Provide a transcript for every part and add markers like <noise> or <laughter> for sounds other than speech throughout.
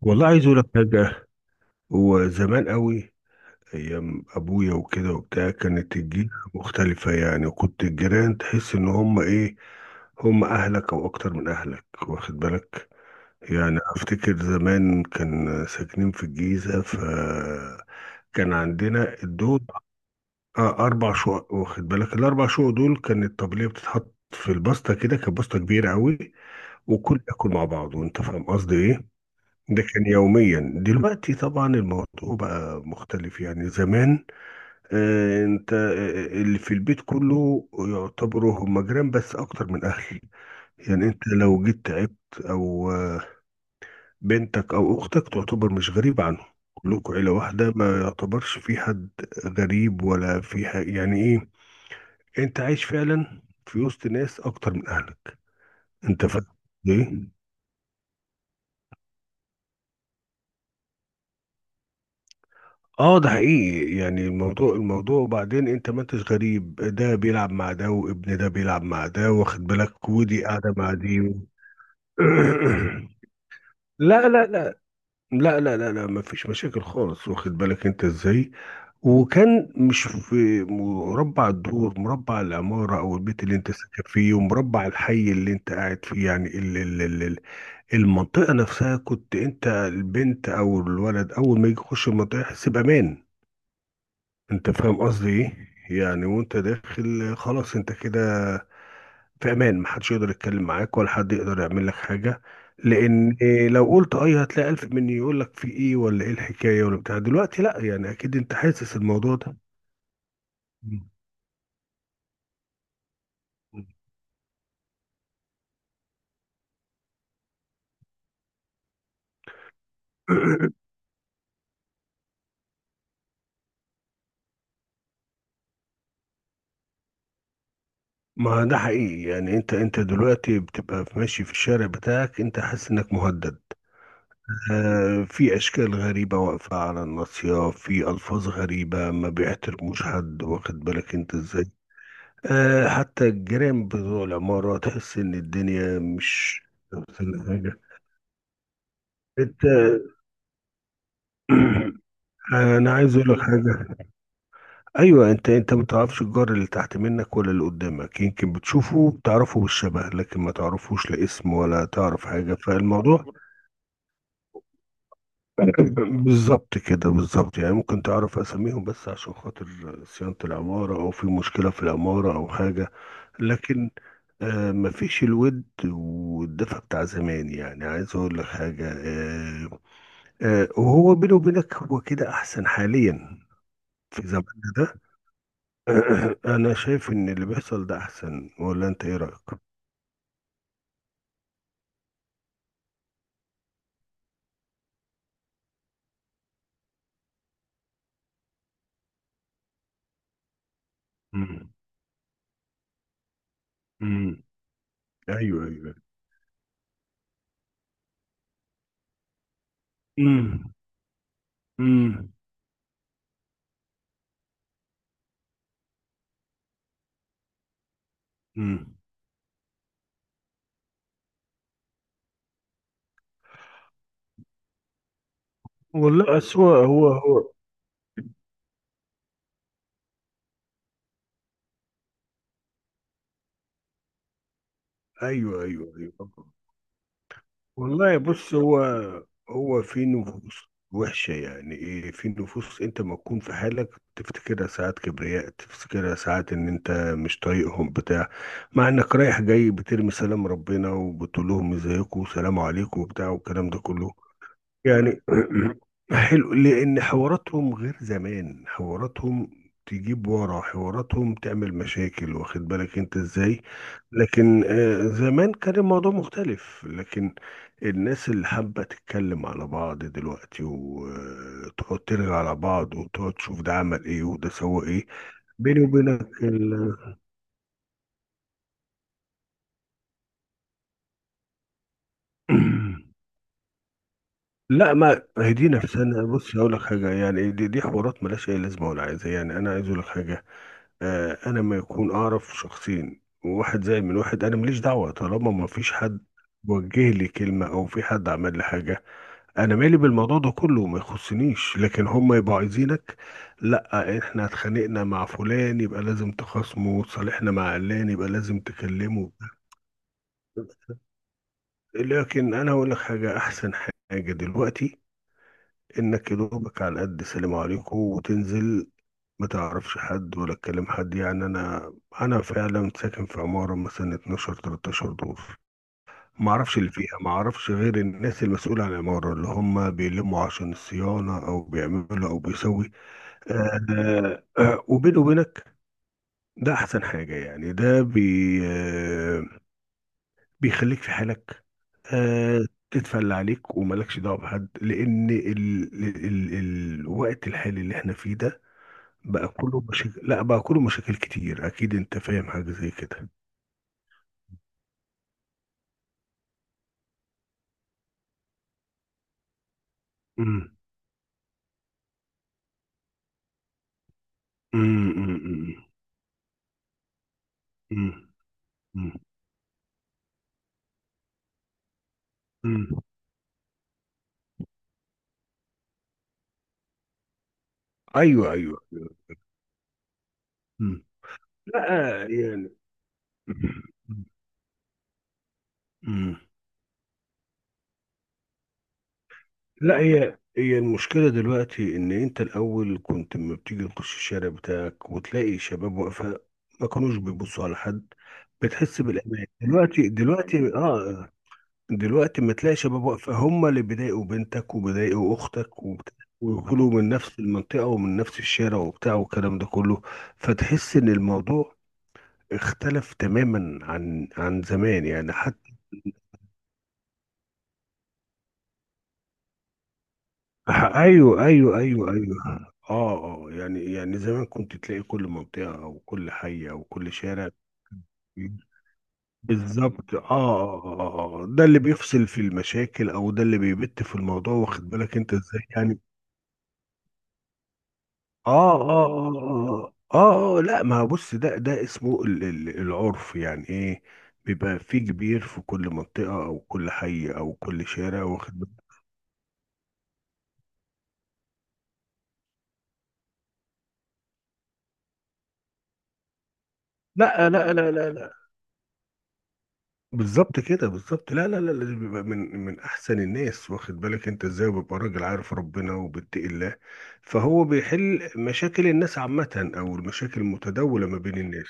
والله عايز اقول لك حاجه. هو زمان قوي، ايام ابويا وكده وبتاع، كانت الجيرة مختلفه يعني، وكنت الجيران تحس ان هم ايه، هم اهلك او اكتر من اهلك، واخد بالك. يعني افتكر زمان كان ساكنين في الجيزه، فكان عندنا الدود. آه اربع شقق، واخد بالك الاربع شقق دول، كانت الطبليه بتتحط في البسطه كده، كانت بسطه كبيره قوي، وكل ياكل مع بعض، وانت فاهم قصدي ايه. ده كان يوميا. دلوقتي طبعا الموضوع بقى مختلف يعني. زمان آه انت آه، آه، اللي في البيت كله يعتبروا هم جيران، بس اكتر من اهل يعني. انت لو جيت تعبت او بنتك او اختك، تعتبر مش غريب عنهم، كلكم عيلة واحدة، ما يعتبرش في حد غريب، ولا في حاجة يعني. ايه، انت عايش فعلا في وسط ناس اكتر من اهلك، انت فاهم ليه؟ اه ده حقيقي يعني. الموضوع وبعدين انت ما انتش غريب، ده بيلعب مع ده، وابن ده بيلعب مع ده، واخد بالك، ودي قاعده مع دي و... <clears throat> لا لا لا، لا لا لا لا، ما فيش مشاكل خالص، واخد بالك انت ازاي. وكان مش في مربع الدور، مربع العمارة او البيت اللي انت ساكن فيه، ومربع الحي اللي انت قاعد فيه، يعني المنطقة نفسها. كنت انت البنت او الولد، اول ما يجي يخش المنطقة يحس بامان. انت فاهم قصدي ايه يعني؟ وانت داخل خلاص انت كده في امان، محدش يقدر يتكلم معاك، ولا حد يقدر يعمل لك حاجه. لان إيه، لو قلت اي هتلاقي الف مني يقول لك في ايه، ولا ايه الحكايه، ولا بتاع. دلوقتي لا، يعني اكيد انت حاسس الموضوع ده. <clears throat> مم. ما ده حقيقي يعني. انت دلوقتي بتبقى ماشي في الشارع بتاعك، انت حاسس انك مهدد. آه، في اشكال غريبه واقفه على الناصيه، في الفاظ غريبه، ما بيحترموش حد، واخد بالك انت ازاي. حتى الجيران بتوع العمارة تحس إن الدنيا مش أحسن حاجة. أنت <clears throat> أنا عايز أقول لك حاجة. أيوه، أنت ما تعرفش الجار اللي تحت منك ولا اللي قدامك. يمكن بتشوفه بتعرفه بالشبه، لكن ما تعرفوش لا اسم ولا تعرف حاجة. فالموضوع <clears throat> بالظبط كده، بالظبط. يعني ممكن تعرف أساميهم بس عشان خاطر صيانة العمارة، أو في مشكلة في العمارة أو حاجة. لكن مفيش الود والدفى بتاع زمان يعني. عايز اقول لك حاجه، وهو بيني وبينك هو كده احسن حاليا في زماننا ده. <clears throat> انا شايف ان اللي بيحصل ده احسن، ولا انت ايه رايك؟ مم. مم. ايوه ايوه. مم. مم. مم. والله أسوأ. هو ايوه ايوه ايوه. والله بص، هو في نفوس وحشة يعني. ايه، في نفوس انت ما تكون في حالك، تفتكرها ساعات كبرياء، تفتكرها ساعات ان انت مش طايقهم بتاع، مع انك رايح جاي بترمي سلام ربنا، وبتقول لهم ازيكم، وسلام عليكم وبتاع والكلام ده كله يعني. <clears throat> حلو، لأن حواراتهم غير زمان، حواراتهم تجيب ورا حواراتهم، تعمل مشاكل، واخد بالك انت ازاي. لكن زمان كان الموضوع مختلف. لكن الناس اللي حابة تتكلم على بعض دلوقتي، وتقعد ترغي على بعض، وتقعد تشوف ده عمل ايه وده سوى ايه. بيني وبينك ال... <clears throat> لا، ما هدينا في سنة. بص هقول لك حاجة يعني، دي حوارات ملهاش أي لازمة ولا عايزة يعني. أنا عايز أقول لك حاجة، انا ما يكون اعرف شخصين واحد زي من واحد، انا ماليش دعوه، طالما ما فيش حد وجه لي كلمه او في حد عمل لي حاجه. انا مالي بالموضوع ده كله، ما يخصنيش. لكن هم يبقوا عايزينك، لا احنا اتخانقنا مع فلان يبقى لازم تخاصمه، صالحنا مع علان يبقى لازم تكلمه. لكن انا اقول لك حاجه، احسن حاجه دلوقتي انك يدوبك على قد سلام عليكم وتنزل. ما تعرفش حد، ولا تكلم حد. يعني انا فعلا ساكن في عماره مثلا 12 13 دور، ما اعرفش اللي فيها، ما اعرفش غير الناس المسؤوله عن العماره، اللي هم بيلموا عشان الصيانه، او بيعملوا او بيسوي. آه آه، وبيني وبينك ده احسن حاجه يعني. ده بي بيخليك في حالك. آه، تتفل عليك وملكش دعوه بحد، لان ال الوقت الحالي اللي احنا فيه ده بقى كله مشاكل. لا بقى كله مشاكل كتير، اكيد انت فاهم حاجه زي كده. مم. مم. مم. مم. مم. مم. ايوه ايوه. مم. لا يعني. <laughs> مم. لا، هي المشكله دلوقتي ان انت الاول كنت لما بتيجي تخش الشارع بتاعك وتلاقي شباب واقفه، ما كانوش بيبصوا على حد، بتحس بالامان. دلوقتي، دلوقتي اه، دلوقتي ما تلاقي شباب واقفة، هم اللي بيضايقوا بنتك وبيضايقوا أختك وبت- ويقولوا من نفس المنطقة ومن نفس الشارع وبتاع والكلام ده كله. فتحس إن الموضوع اختلف تماما عن زمان يعني. حتى أيوه أيوه أيوه أيوه. آه آه، يعني زمان كنت تلاقي كل منطقة أو كل حي أو كل شارع. بالظبط. ده اللي بيفصل في المشاكل، أو ده اللي بيبت في الموضوع، واخد بالك أنت إزاي يعني. اه اه اه اه اه، لا ما بص، ده اسمه العرف يعني. ايه، بيبقى في كبير في كل منطقة او كل حي او كل شارع، واخد بالك. لا لا لا، لا لا. بالظبط كده، بالظبط. لا لا لا لا، ده بيبقى من احسن الناس، واخد بالك انت ازاي. وبيبقى راجل عارف ربنا وبيتقي الله، فهو بيحل مشاكل الناس عامة، او المشاكل المتداولة ما بين الناس.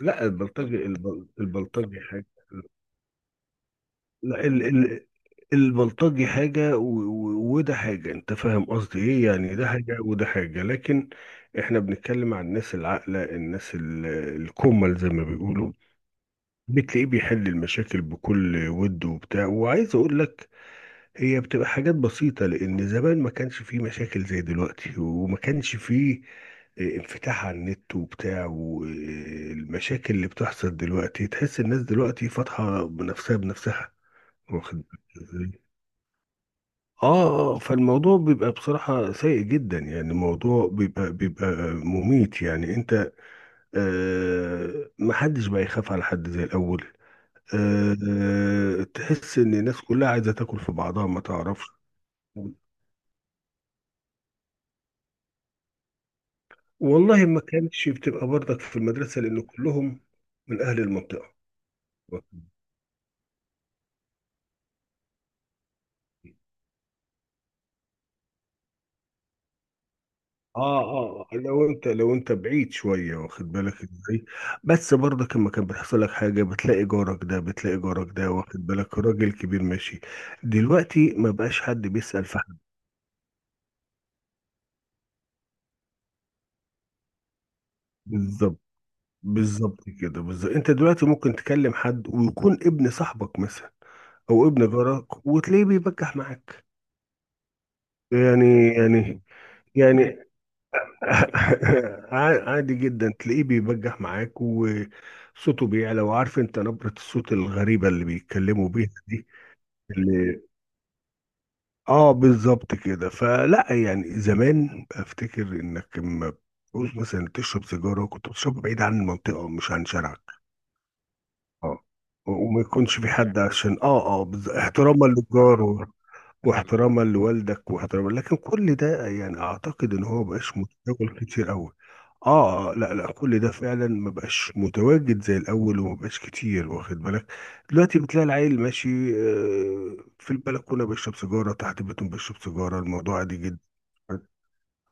لا، البلطجي البلطجي حاجة. لا ال البلطجي حاجة، وده حاجة، انت فاهم قصدي ايه يعني. ده حاجة وده حاجة. لكن احنا بنتكلم عن الناس العاقلة، الناس الكمل زي ما بيقولوا. بتلاقيه بيحل المشاكل بكل ود وبتاع. وعايز اقول لك، هي بتبقى حاجات بسيطة، لان زمان ما كانش فيه مشاكل زي دلوقتي، وما كانش فيه انفتاح على النت وبتاع، والمشاكل اللي بتحصل دلوقتي تحس الناس دلوقتي فاتحة بنفسها، واخد بالك ازاي؟ اه. فالموضوع بيبقى بصراحة سيء جدا يعني. الموضوع بيبقى مميت يعني. انت آه، محدش بقى يخاف على حد زي الاول. آه، تحس ان الناس كلها عايزة تاكل في بعضها، ما تعرفش. والله ما كانتش بتبقى برضك في المدرسة، لان كلهم من اهل المنطقة. اه اه، لو انت، بعيد شويه، واخد بالك ازاي. بس برضك لما كان بيحصل لك حاجه، بتلاقي جارك ده، واخد بالك، راجل كبير ماشي. دلوقتي ما بقاش حد بيسأل في حد. بالظبط. بالظبط كده، بالظبط. انت دلوقتي ممكن تكلم حد ويكون ابن صاحبك مثلا، او ابن جارك، وتلاقيه بيبجح معاك. يعني. يعني. يعني. <laughs> عادي جدا تلاقيه بيبجح معاك، وصوته بيعلى، وعارف انت نبرة الصوت الغريبة اللي بيتكلموا بيها دي، اللي اه. بالظبط كده. فلا يعني، زمان افتكر انك لما بتعوز مثلا تشرب سيجارة، كنت بتشرب بعيد عن المنطقة، مش عن شارعك. اه، وما يكونش في حد، عشان اه اه. بالظبط. احتراما للجار، واحتراما لوالدك، واحتراما. لكن كل ده يعني اعتقد ان هو مبقاش متداول كتير قوي. اه، لا لا، كل ده فعلا مبقاش متواجد زي الاول، ومبقاش كتير، واخد بالك. دلوقتي بتلاقي العيل ماشي، في البلكونه بيشرب سيجاره، تحت بيتهم بيشرب سيجاره، الموضوع عادي جدا.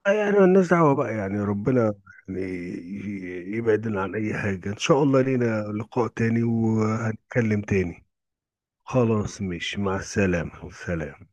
يعني مالناش دعوه بقى، يعني ربنا يعني يبعدنا عن اي حاجه. ان شاء الله لينا لقاء تاني وهنتكلم تاني. خلاص، مش مع السلامه، سلام.